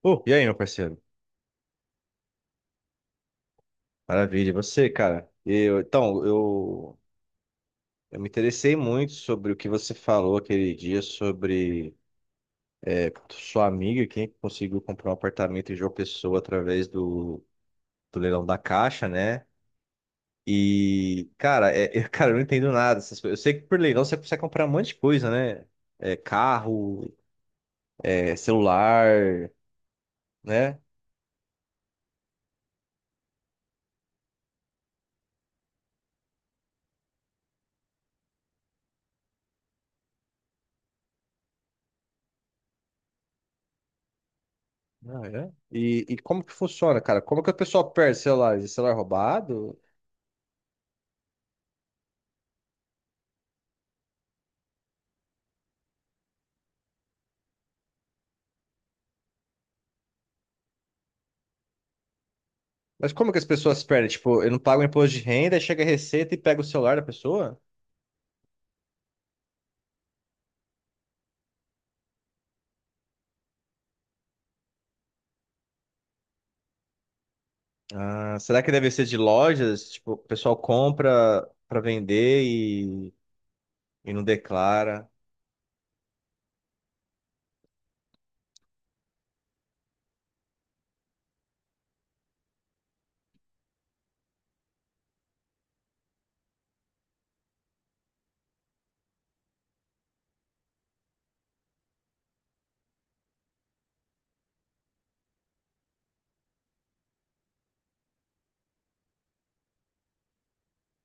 Pô, e aí, meu parceiro? Maravilha, e você, cara? Eu me interessei muito sobre o que você falou aquele dia sobre sua amiga, quem conseguiu comprar um apartamento em João Pessoa através do leilão da Caixa, né? E, cara, eu, cara, eu não entendo nada dessas coisas. Eu sei que por leilão você consegue comprar um monte de coisa, né? Carro, celular, né? Ah, é? E, como que funciona, cara? Como que o pessoal perde celular? É celular roubado? Mas como que as pessoas perdem? Tipo, eu não pago imposto de renda, aí chega a receita e pega o celular da pessoa? Ah, será que deve ser de lojas? Tipo, o pessoal compra pra vender e não declara.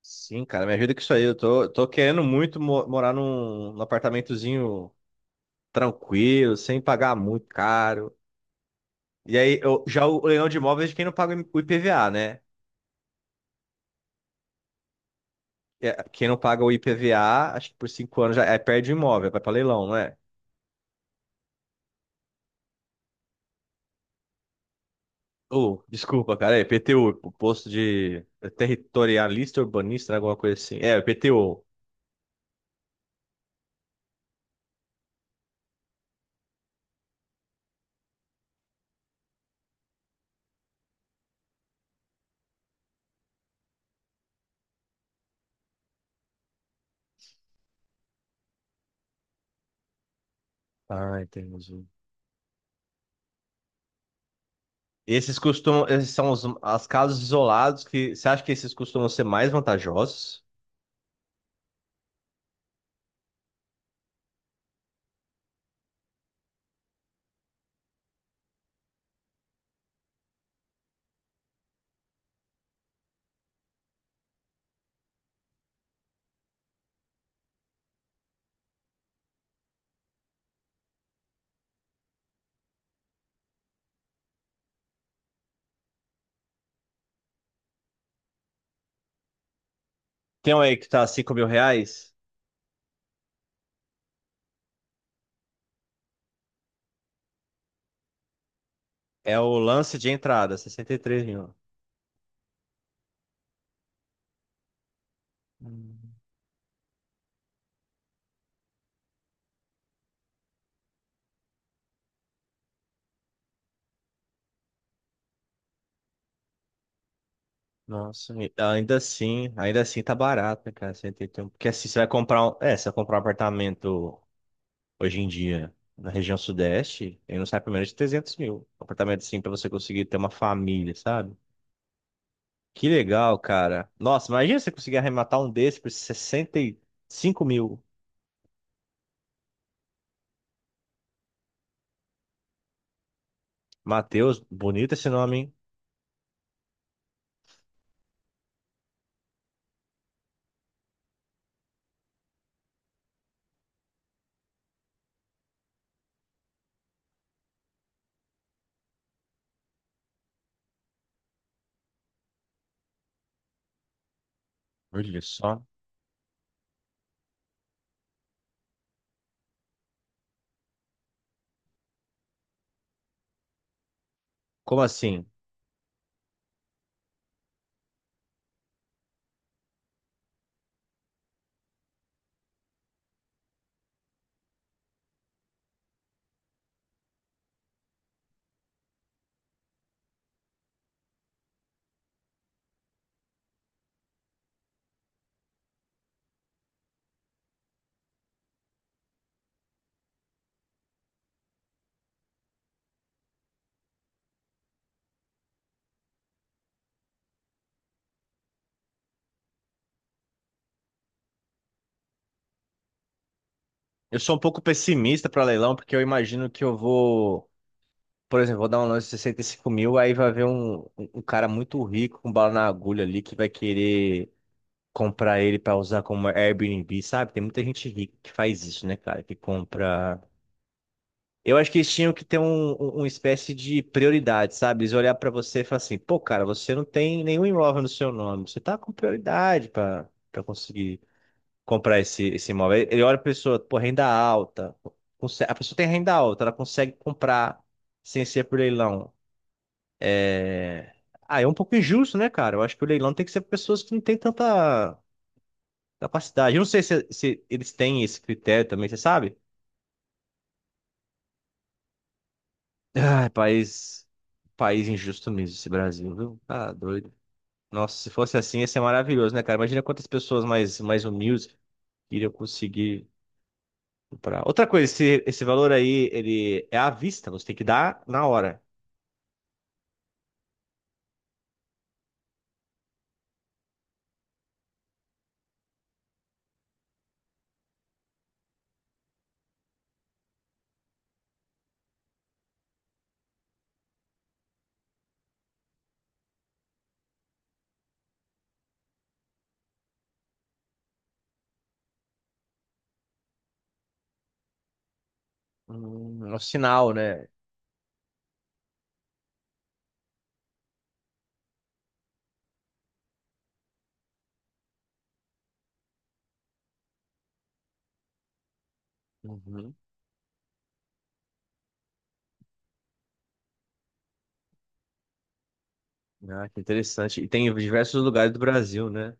Sim, cara, me ajuda com isso aí. Eu tô querendo muito morar num apartamentozinho tranquilo, sem pagar muito caro. E aí, já o leilão de imóveis é de quem não paga o IPVA, né? É, quem não paga o IPVA, acho que por 5 anos já perde o imóvel, vai pra leilão, não é? Oh, desculpa, cara. É PTU, posto de territorialista urbanista, né, alguma coisa assim. É, PTU. Ah, entendi. Esses são os as casos isolados que você acha que esses costumam ser mais vantajosos? Tem um aí que tá 5 mil reais? É o lance de entrada, 63 mil. Hum. Nossa. E ainda assim, ainda assim tá barato, né, cara? 61. Porque assim, você vai comprar você vai comprar um apartamento hoje em dia, na região sudeste, ele não sai por menos de 300 mil. Um apartamento assim pra você conseguir ter uma família, sabe? Que legal, cara. Nossa, imagina você conseguir arrematar um desse por 65 mil. Matheus, bonito esse nome, hein? Olha só. Como assim? Eu sou um pouco pessimista para leilão, porque eu imagino que por exemplo, vou dar um lance de 65 mil, aí vai ver um cara muito rico com bala na agulha ali que vai querer comprar ele para usar como Airbnb, sabe? Tem muita gente rica que faz isso, né, cara? Que compra. Eu acho que eles tinham que ter uma espécie de prioridade, sabe? Eles olhar para você e falar assim: pô, cara, você não tem nenhum imóvel no seu nome, você tá com prioridade para conseguir comprar esse imóvel. Ele olha a pessoa, pô, renda alta. A pessoa tem renda alta, ela consegue comprar sem ser por leilão. É... Ah, é um pouco injusto, né, cara? Eu acho que o leilão tem que ser para pessoas que não têm tanta capacidade. Eu não sei se eles têm esse critério também, você sabe? Ah, país injusto mesmo, esse Brasil, viu? Tá doido. Nossa, se fosse assim, ia ser maravilhoso, né, cara? Imagina quantas pessoas mais humildes iriam conseguir comprar. Outra coisa, esse valor aí, ele é à vista, você tem que dar na hora. É um sinal, né? Uhum. Ah, que interessante. E tem em diversos lugares do Brasil, né?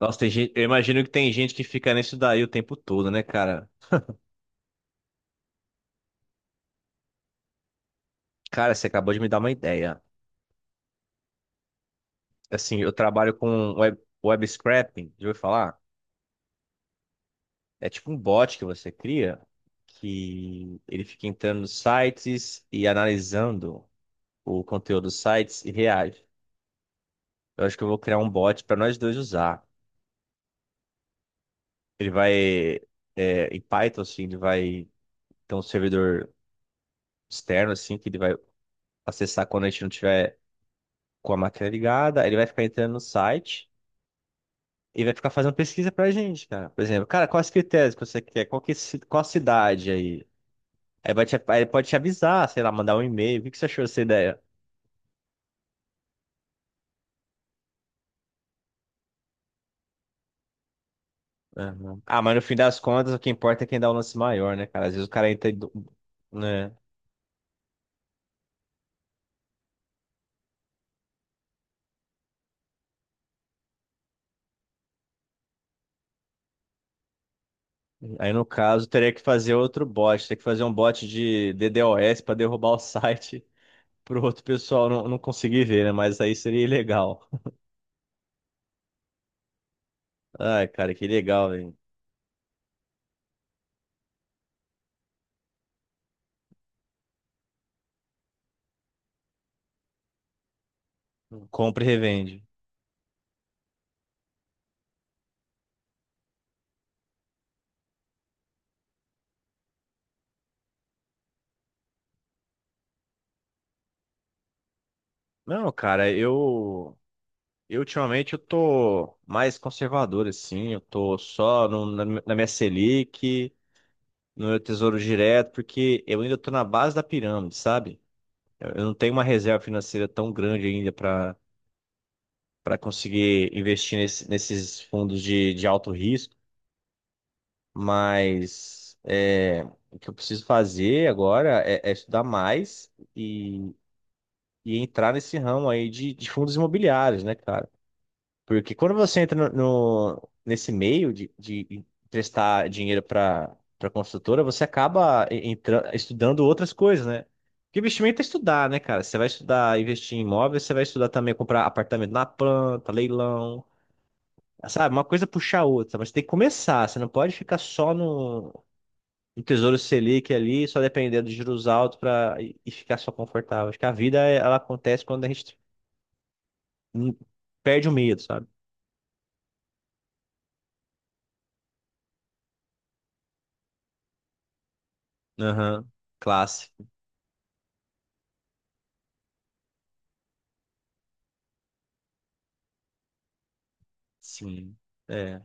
Nossa, tem gente, eu imagino que tem gente que fica nisso daí o tempo todo, né, cara? Cara, você acabou de me dar uma ideia. Assim, eu trabalho com web, web scraping, já ouviu falar? É tipo um bot que você cria que ele fica entrando nos sites e analisando o conteúdo dos sites e reage. Eu acho que eu vou criar um bot para nós dois usar. Ele vai, em Python, assim, ele vai ter um servidor externo, assim, que ele vai acessar quando a gente não tiver com a máquina ligada. Ele vai ficar entrando no site e vai ficar fazendo pesquisa pra gente, cara. Por exemplo, cara, quais critérios que você quer? Qual que, é ci- qual cidade aí? Aí pode te avisar, sei lá, mandar um e-mail. O que que você achou dessa ideia? Aham. Ah, mas no fim das contas, o que importa é quem dá o lance maior, né, cara? Às vezes o cara entra, em do- né? Aí no caso, teria que fazer outro bot, teria que fazer um bot de DDoS para derrubar o site pro outro pessoal não conseguir ver, né? Mas aí seria ilegal. Ai, cara, que legal, velho. Compra e revende. Não, cara, eu ultimamente eu tô mais conservador, assim. Eu tô só na minha Selic, no meu tesouro direto, porque eu ainda estou na base da pirâmide, sabe? Eu não tenho uma reserva financeira tão grande ainda para conseguir investir nesses fundos de alto risco, mas o que eu preciso fazer agora é estudar mais e entrar nesse ramo aí de fundos imobiliários, né, cara? Porque quando você entra nesse meio de emprestar dinheiro para construtora, você estudando outras coisas, né? Porque investimento é estudar, né, cara? Você vai estudar investir em imóveis, você vai estudar também comprar apartamento na planta, leilão, sabe? Uma coisa puxa a outra, mas tem que começar. Você não pode ficar só no Tesouro Selic ali, só dependendo de juros altos para e ficar só confortável. Acho que a vida ela acontece quando a gente hum, perde o medo, sabe? Aham, classe. Sim. É.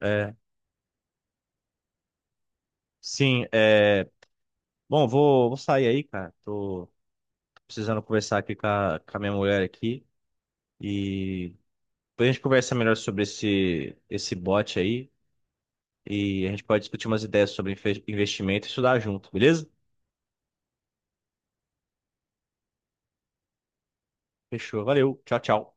É. Sim, é. Bom, vou sair aí, cara. Tô precisando conversar aqui com com a minha mulher aqui. E depois a gente conversa melhor sobre esse bot aí. E a gente pode discutir umas ideias sobre investimento e estudar junto, beleza? Fechou. Valeu. Tchau, tchau.